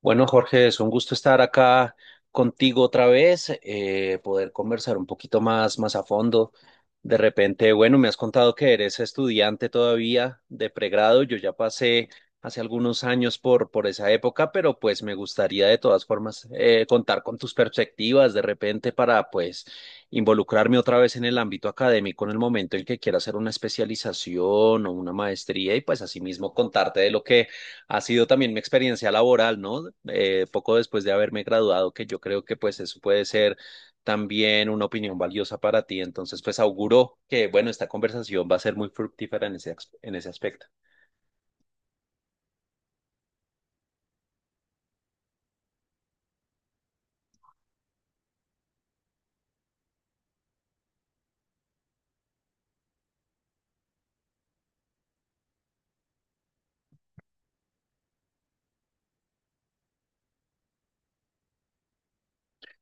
Bueno, Jorge, es un gusto estar acá contigo otra vez, poder conversar un poquito más a fondo. De repente, bueno, me has contado que eres estudiante todavía de pregrado. Yo ya pasé hace algunos años por esa época, pero pues me gustaría de todas formas contar con tus perspectivas de repente para pues involucrarme otra vez en el ámbito académico en el momento en que quiera hacer una especialización o una maestría y pues asimismo contarte de lo que ha sido también mi experiencia laboral, ¿no? Poco después de haberme graduado, que yo creo que pues eso puede ser también una opinión valiosa para ti. Entonces, pues auguro que, bueno, esta conversación va a ser muy fructífera en en ese aspecto.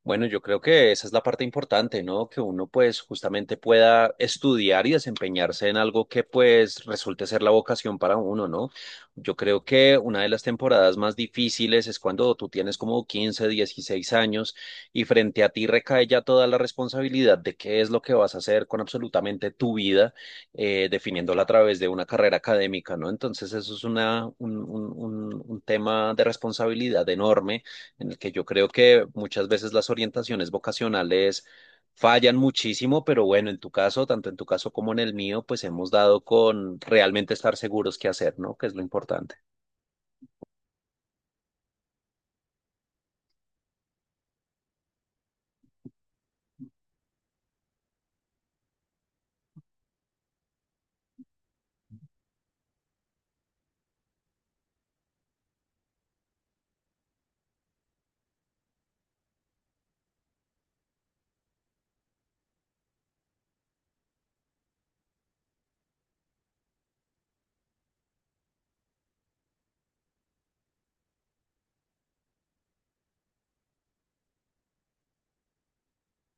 Bueno, yo creo que esa es la parte importante, ¿no? Que uno pues justamente pueda estudiar y desempeñarse en algo que pues resulte ser la vocación para uno, ¿no? Yo creo que una de las temporadas más difíciles es cuando tú tienes como 15, 16 años y frente a ti recae ya toda la responsabilidad de qué es lo que vas a hacer con absolutamente tu vida, definiéndola a través de una carrera académica, ¿no? Entonces eso es una, un tema de responsabilidad enorme en el que yo creo que muchas veces las orientaciones vocacionales fallan muchísimo, pero bueno, en tu caso, tanto en tu caso como en el mío, pues hemos dado con realmente estar seguros qué hacer, ¿no? Que es lo importante.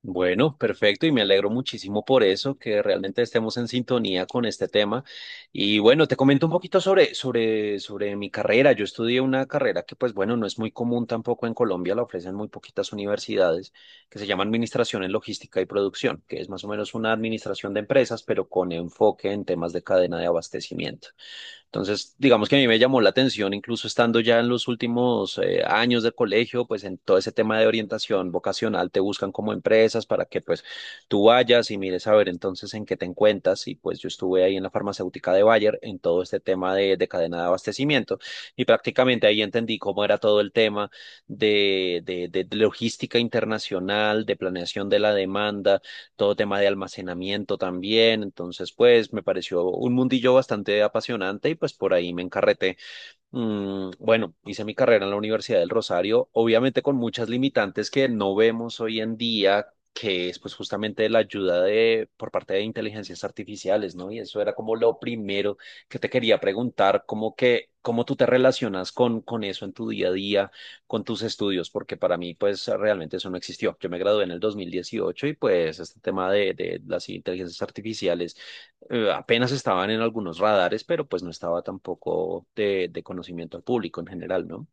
Bueno, perfecto y me alegro muchísimo por eso, que realmente estemos en sintonía con este tema. Y bueno, te comento un poquito sobre mi carrera. Yo estudié una carrera que, pues bueno, no es muy común tampoco en Colombia, la ofrecen muy poquitas universidades, que se llama Administración en Logística y Producción, que es más o menos una administración de empresas, pero con enfoque en temas de cadena de abastecimiento. Entonces, digamos que a mí me llamó la atención, incluso estando ya en los últimos años del colegio, pues en todo ese tema de orientación vocacional te buscan como empresas para que pues tú vayas y mires a ver entonces en qué te encuentras. Y pues yo estuve ahí en la farmacéutica de Bayer en todo este tema de cadena de abastecimiento y prácticamente ahí entendí cómo era todo el tema de logística internacional, de planeación de la demanda, todo tema de almacenamiento también. Entonces, pues me pareció un mundillo bastante apasionante y pues por ahí me encarreté. Bueno, hice mi carrera en la Universidad del Rosario, obviamente con muchas limitantes que no vemos hoy en día, que es pues justamente la ayuda de por parte de inteligencias artificiales, ¿no? Y eso era como lo primero que te quería preguntar, como que cómo tú te relacionas con eso en tu día a día, con tus estudios, porque para mí pues realmente eso no existió. Yo me gradué en el 2018 y pues este tema de las inteligencias artificiales apenas estaban en algunos radares, pero pues no estaba tampoco de conocimiento al público en general, ¿no?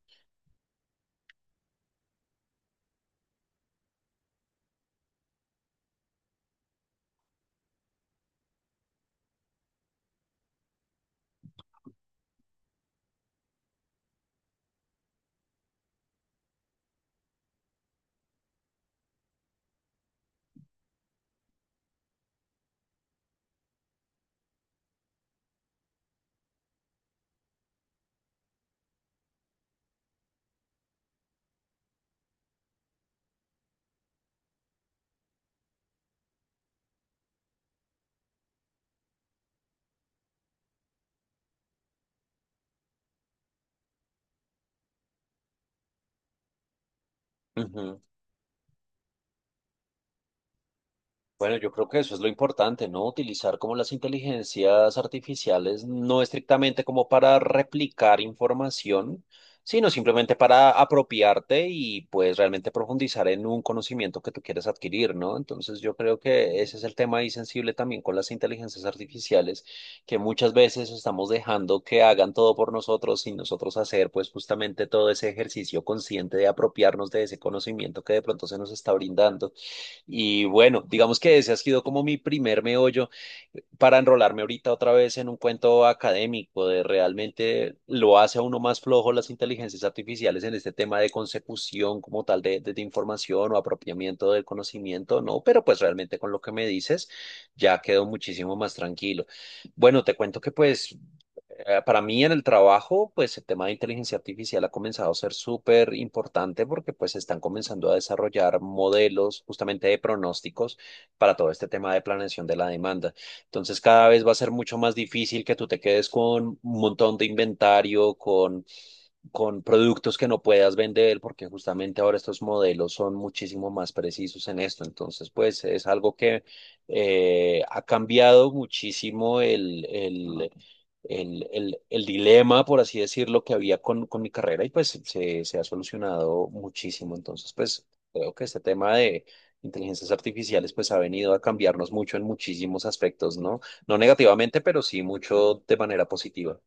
Ujú. Bueno, yo creo que eso es lo importante, ¿no? Utilizar como las inteligencias artificiales no estrictamente como para replicar información, sino simplemente para apropiarte y pues realmente profundizar en un conocimiento que tú quieres adquirir, ¿no? Entonces yo creo que ese es el tema ahí sensible también con las inteligencias artificiales, que muchas veces estamos dejando que hagan todo por nosotros sin nosotros hacer pues justamente todo ese ejercicio consciente de apropiarnos de ese conocimiento que de pronto se nos está brindando. Y bueno, digamos que ese ha sido como mi primer meollo para enrolarme ahorita otra vez en un cuento académico de realmente lo hace a uno más flojo las inteligencias artificiales en este tema de consecución como tal de información o apropiamiento del conocimiento, ¿no? Pero pues realmente con lo que me dices ya quedo muchísimo más tranquilo. Bueno, te cuento que pues para mí en el trabajo, pues el tema de inteligencia artificial ha comenzado a ser súper importante porque pues se están comenzando a desarrollar modelos justamente de pronósticos para todo este tema de planeación de la demanda. Entonces cada vez va a ser mucho más difícil que tú te quedes con un montón de inventario, con productos que no puedas vender porque justamente ahora estos modelos son muchísimo más precisos en esto. Entonces pues es algo que ha cambiado muchísimo el dilema, por así decirlo, que había con mi carrera y pues se ha solucionado muchísimo. Entonces, pues creo que este tema de inteligencias artificiales pues ha venido a cambiarnos mucho en muchísimos aspectos, ¿no? No negativamente, pero sí mucho de manera positiva.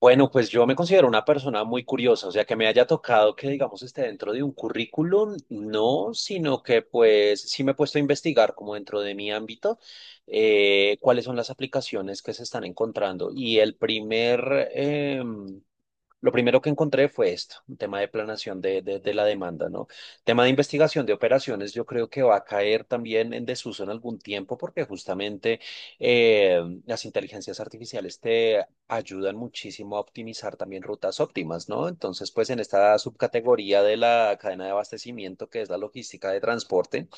Bueno, pues yo me considero una persona muy curiosa, o sea, que me haya tocado que, digamos, esté dentro de un currículum, no, sino que pues sí me he puesto a investigar como dentro de mi ámbito cuáles son las aplicaciones que se están encontrando. Y lo primero que encontré fue esto, un tema de planación de la demanda, ¿no? Tema de investigación de operaciones, yo creo que va a caer también en desuso en algún tiempo porque justamente eh, las inteligencias artificiales te ayudan muchísimo a optimizar también rutas óptimas, ¿no? Entonces, pues en esta subcategoría de la cadena de abastecimiento, que es la logística de transporte,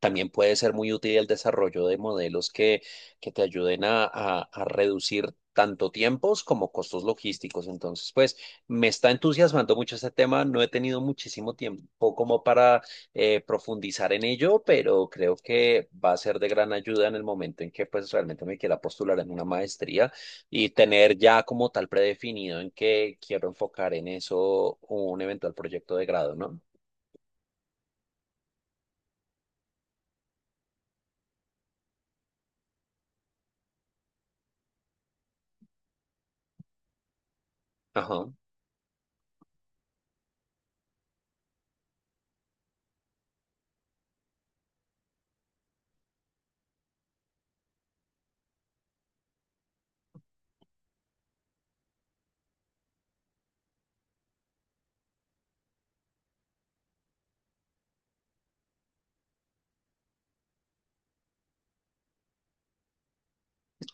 también puede ser muy útil el desarrollo de modelos que te ayuden a reducir tanto tiempos como costos logísticos. Entonces, pues me está entusiasmando mucho este tema. No he tenido muchísimo tiempo como para profundizar en ello, pero creo que va a ser de gran ayuda en el momento en que pues realmente me quiera postular en una maestría y tener ya como tal predefinido en que quiero enfocar en eso un eventual proyecto de grado, ¿no? Ajá.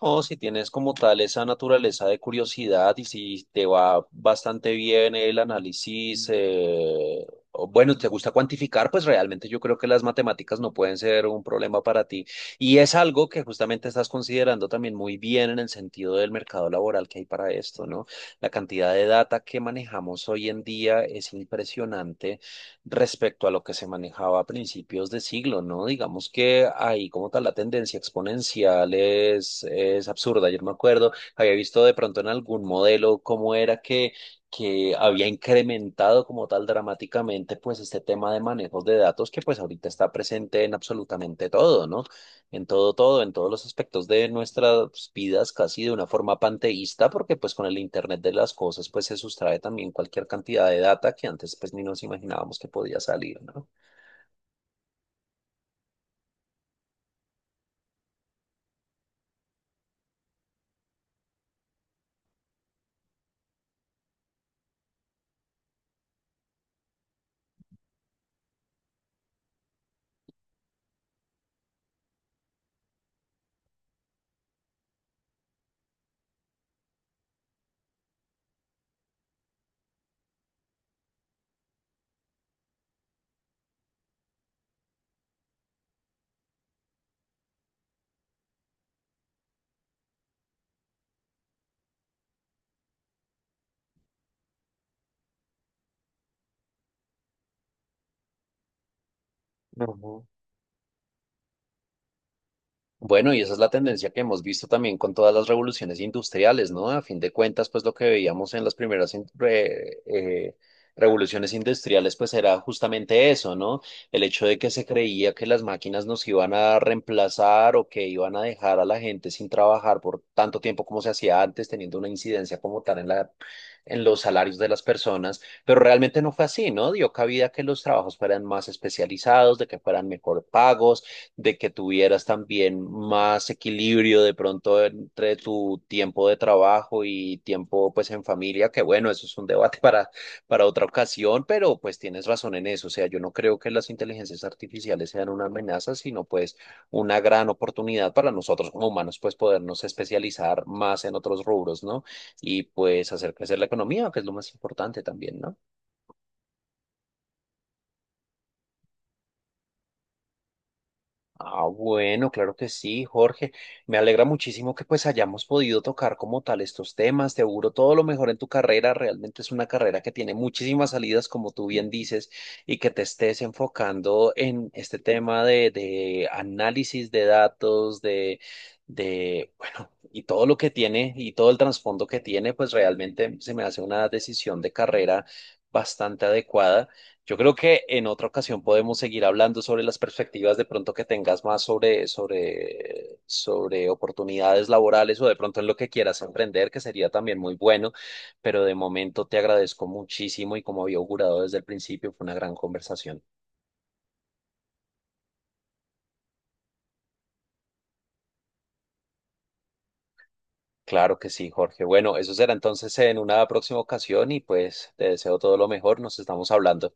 O si tienes como tal esa naturaleza de curiosidad y si te va bastante bien el análisis, o bueno, te gusta cuantificar, pues realmente yo creo que las matemáticas no pueden ser un problema para ti. Y es algo que justamente estás considerando también muy bien en el sentido del mercado laboral que hay para esto, ¿no? La cantidad de data que manejamos hoy en día es impresionante respecto a lo que se manejaba a principios de siglo, ¿no? Digamos que ahí como tal la tendencia exponencial es absurda. Yo me acuerdo, había visto de pronto en algún modelo cómo era que había incrementado como tal dramáticamente pues este tema de manejos de datos que pues ahorita está presente en absolutamente todo, ¿no? En todo, todo, en todos los aspectos de nuestras vidas, casi de una forma panteísta, porque pues con el Internet de las cosas, pues se sustrae también cualquier cantidad de data que antes pues ni nos imaginábamos que podía salir, ¿no? Ujú. Bueno, y esa es la tendencia que hemos visto también con todas las revoluciones industriales, ¿no? A fin de cuentas, pues lo que veíamos en las primeras revoluciones industriales, pues era justamente eso, ¿no? El hecho de que se creía que las máquinas nos iban a reemplazar o que iban a dejar a la gente sin trabajar por tanto tiempo como se hacía antes, teniendo una incidencia como tal en en los salarios de las personas, pero realmente no fue así, ¿no? Dio cabida a que los trabajos fueran más especializados, de que fueran mejor pagos, de que tuvieras también más equilibrio de pronto entre tu tiempo de trabajo y tiempo pues en familia, que bueno, eso es un debate para otra ocasión, pero pues tienes razón en eso. O sea, yo no creo que las inteligencias artificiales sean una amenaza, sino pues una gran oportunidad para nosotros como humanos, pues podernos especializar más en otros rubros, ¿no? Y pues hacer crecer la economía, que es lo más importante también, ¿no? Ah, bueno, claro que sí, Jorge. Me alegra muchísimo que pues hayamos podido tocar como tal estos temas. Te auguro todo lo mejor en tu carrera. Realmente es una carrera que tiene muchísimas salidas, como tú bien dices, y que te estés enfocando en este tema de análisis de datos, bueno, y todo lo que tiene y todo el trasfondo que tiene, pues realmente se me hace una decisión de carrera bastante adecuada. Yo creo que en otra ocasión podemos seguir hablando sobre las perspectivas de pronto que tengas más sobre oportunidades laborales o de pronto en lo que quieras emprender, que sería también muy bueno, pero de momento te agradezco muchísimo y como había augurado desde el principio, fue una gran conversación. Claro que sí, Jorge. Bueno, eso será entonces en una próxima ocasión y pues te deseo todo lo mejor, nos estamos hablando.